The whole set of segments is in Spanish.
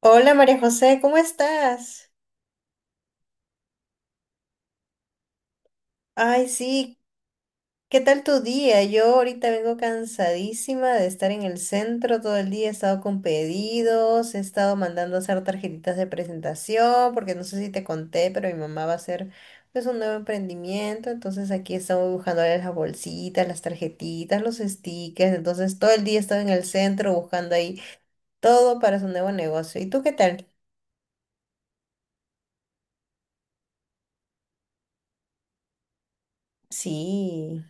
Hola María José, ¿cómo estás? Ay, sí, ¿qué tal tu día? Yo ahorita vengo cansadísima de estar en el centro todo el día, he estado con pedidos, he estado mandando a hacer tarjetitas de presentación, porque no sé si te conté, pero mi mamá va a hacer pues un nuevo emprendimiento, entonces aquí estamos buscando las bolsitas, las tarjetitas, los stickers, entonces todo el día he estado en el centro buscando ahí todo para su nuevo negocio. ¿Y tú qué tal? Sí.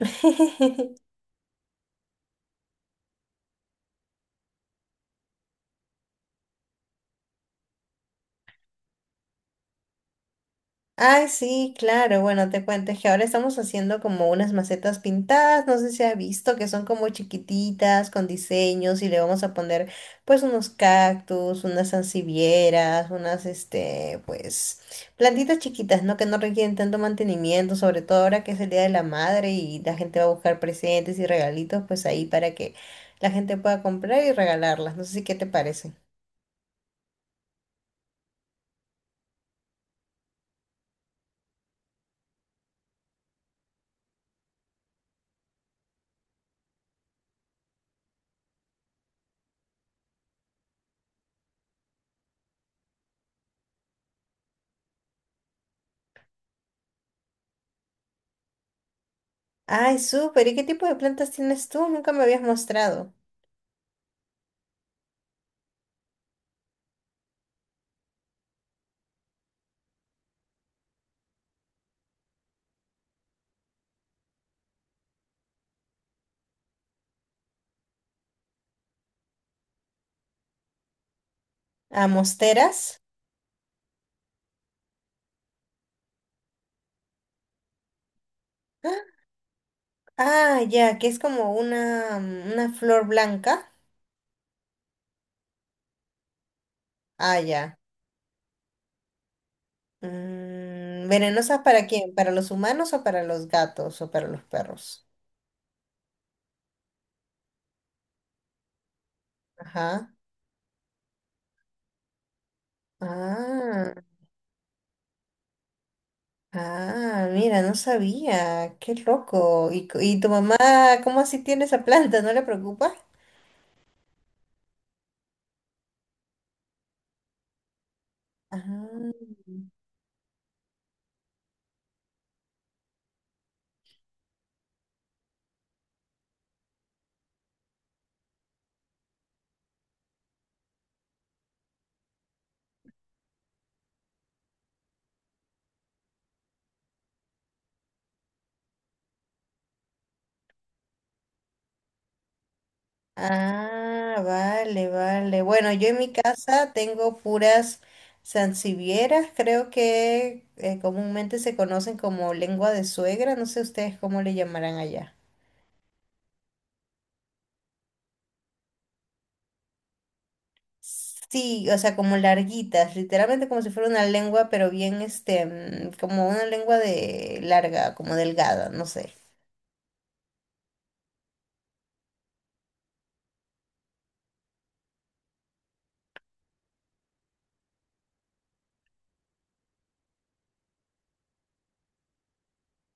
Ay, sí, claro. Bueno, te cuento, es que ahora estamos haciendo como unas macetas pintadas. No sé si has visto que son como chiquititas, con diseños, y le vamos a poner pues unos cactus, unas sansevieras, unas pues, plantitas chiquitas, ¿no? Que no requieren tanto mantenimiento, sobre todo ahora que es el Día de la Madre y la gente va a buscar presentes y regalitos, pues ahí para que la gente pueda comprar y regalarlas. No sé, si qué te parece. Ay, súper. ¿Y qué tipo de plantas tienes tú? Nunca me habías mostrado. ¿A mosteras? Ah, ah, ya, que es como una, una flor blanca. Ah, ya. Mm, ¿venenosas para quién? ¿Para los humanos o para los gatos o para los perros? Ajá. Ah, ah, mira, no sabía. Qué loco. ¿Y, y tu mamá, cómo así tiene esa planta? ¿No le preocupa? Ah. Ah, vale, vale. Bueno, yo en mi casa tengo puras sansevieras, creo que comúnmente se conocen como lengua de suegra, no sé ustedes cómo le llamarán allá. Sí, o sea, como larguitas, literalmente como si fuera una lengua, pero bien, como una lengua de larga, como delgada, no sé.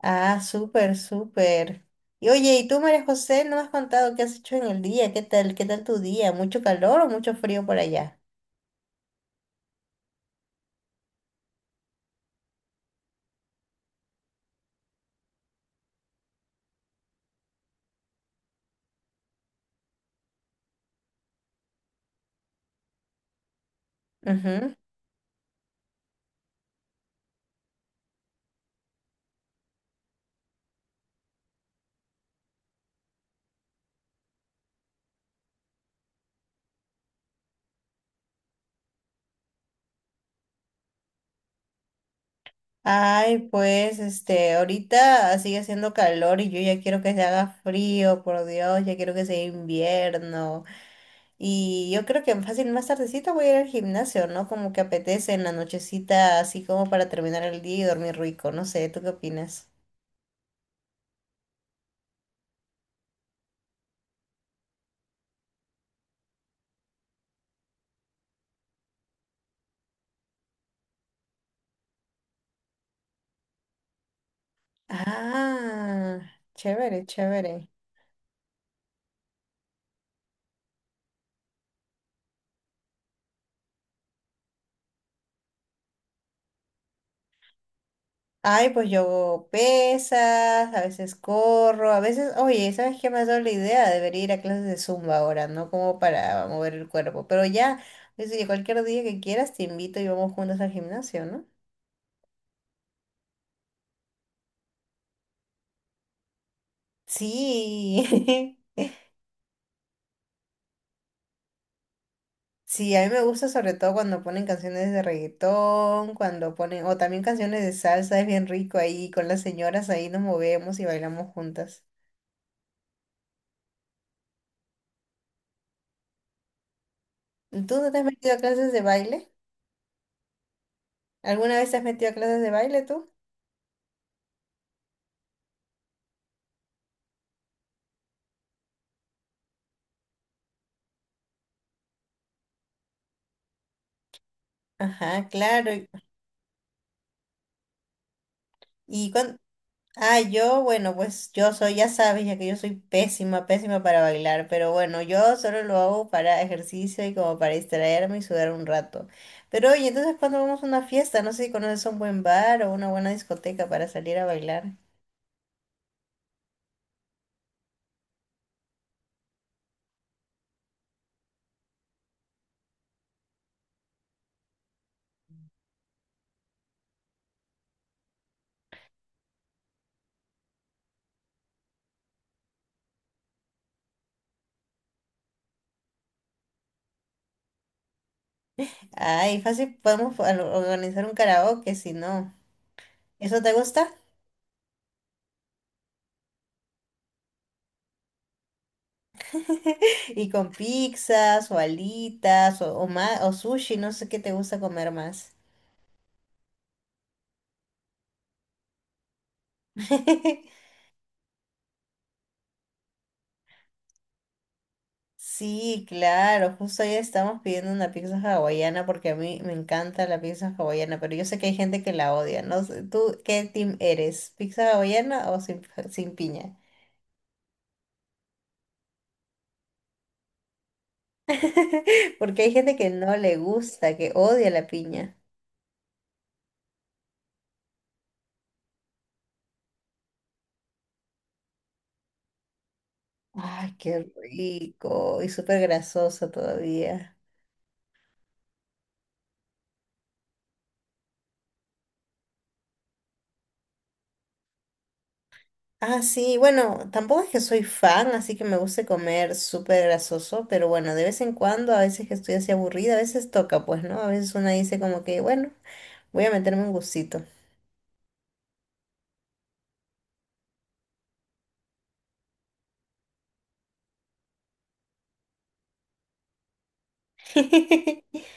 Ah, súper, súper. Y oye, ¿y tú, María José, no me has contado qué has hecho en el día? Qué tal tu día? ¿Mucho calor o mucho frío por allá? Ay, pues, este, ahorita sigue haciendo calor y yo ya quiero que se haga frío, por Dios, ya quiero que sea invierno. Y yo creo que fácil más tardecita voy a ir al gimnasio, ¿no? Como que apetece en la nochecita, así como para terminar el día y dormir rico. No sé, ¿tú qué opinas? Ah, chévere, chévere. Ay, pues yo hago pesas, a veces corro, a veces, oye, ¿sabes qué me ha dado la idea? Debería ir a clases de Zumba ahora, ¿no? Como para mover el cuerpo. Pero ya, es que cualquier día que quieras te invito y vamos juntos al gimnasio, ¿no? Sí, sí, a mí me gusta sobre todo cuando ponen canciones de reggaetón, cuando ponen, o también canciones de salsa, es bien rico ahí, con las señoras ahí nos movemos y bailamos juntas. ¿Tú no te has metido a clases de baile? ¿Alguna vez te has metido a clases de baile tú? Ajá, claro. Y cuando... Ah, yo, bueno, pues yo soy, ya sabes, ya que yo soy pésima, pésima para bailar, pero bueno, yo solo lo hago para ejercicio y como para distraerme y sudar un rato. Pero oye, entonces cuando vamos a una fiesta, no sé si conoces un buen bar o una buena discoteca para salir a bailar. Ay, fácil, podemos organizar un karaoke si no. ¿Eso te gusta? Y con pizzas o alitas o, o sushi, no sé qué te gusta comer más. Sí, claro, justo ayer estamos pidiendo una pizza hawaiana porque a mí me encanta la pizza hawaiana, pero yo sé que hay gente que la odia, ¿no? Sé, ¿tú qué team eres? ¿Pizza hawaiana o sin, sin piña? Porque hay gente que no le gusta, que odia la piña. Ay, qué rico y súper grasoso todavía. Ah, sí, bueno, tampoco es que soy fan, así que me gusta comer súper grasoso, pero bueno, de vez en cuando, a veces que estoy así aburrida, a veces toca, pues, ¿no? A veces una dice como que, bueno. Voy a meterme un gustito.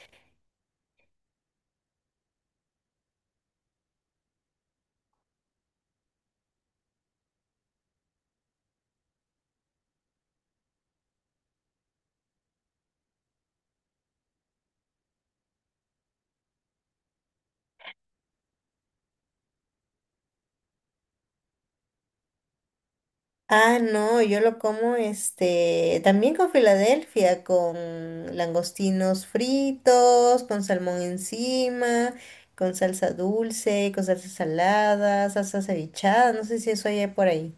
Ah, no, yo lo como también con Filadelfia, con langostinos fritos, con salmón encima, con salsa dulce, con salsa salada, salsa cevichada, no sé si eso hay por ahí.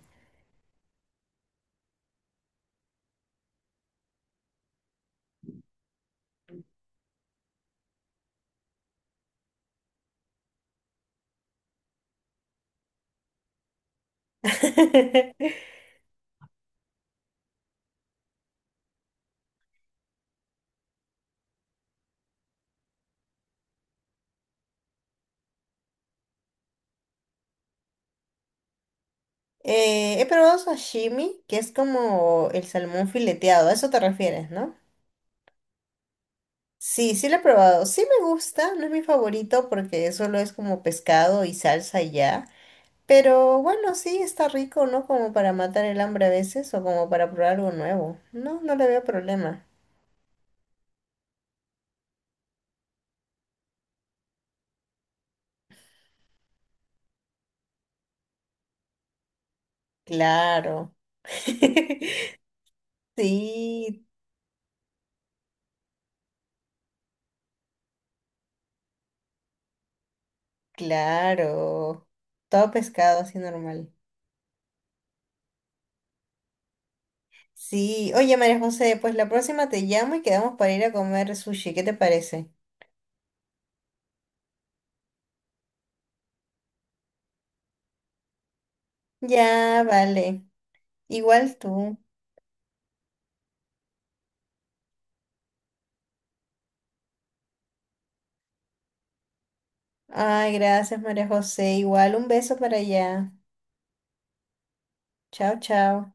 He probado sashimi, que es como el salmón fileteado, a eso te refieres, ¿no? Sí, sí lo he probado. Sí me gusta, no es mi favorito porque solo es como pescado y salsa y ya. Pero bueno, sí, está rico, ¿no? Como para matar el hambre a veces o como para probar algo nuevo. No, no le veo problema. Claro. Sí, claro. Todo pescado así normal. Sí, oye María José, pues la próxima te llamo y quedamos para ir a comer sushi, ¿qué te parece? Ya, vale. Igual tú. Ay, gracias María José. Igual un beso para allá. Chao, chao.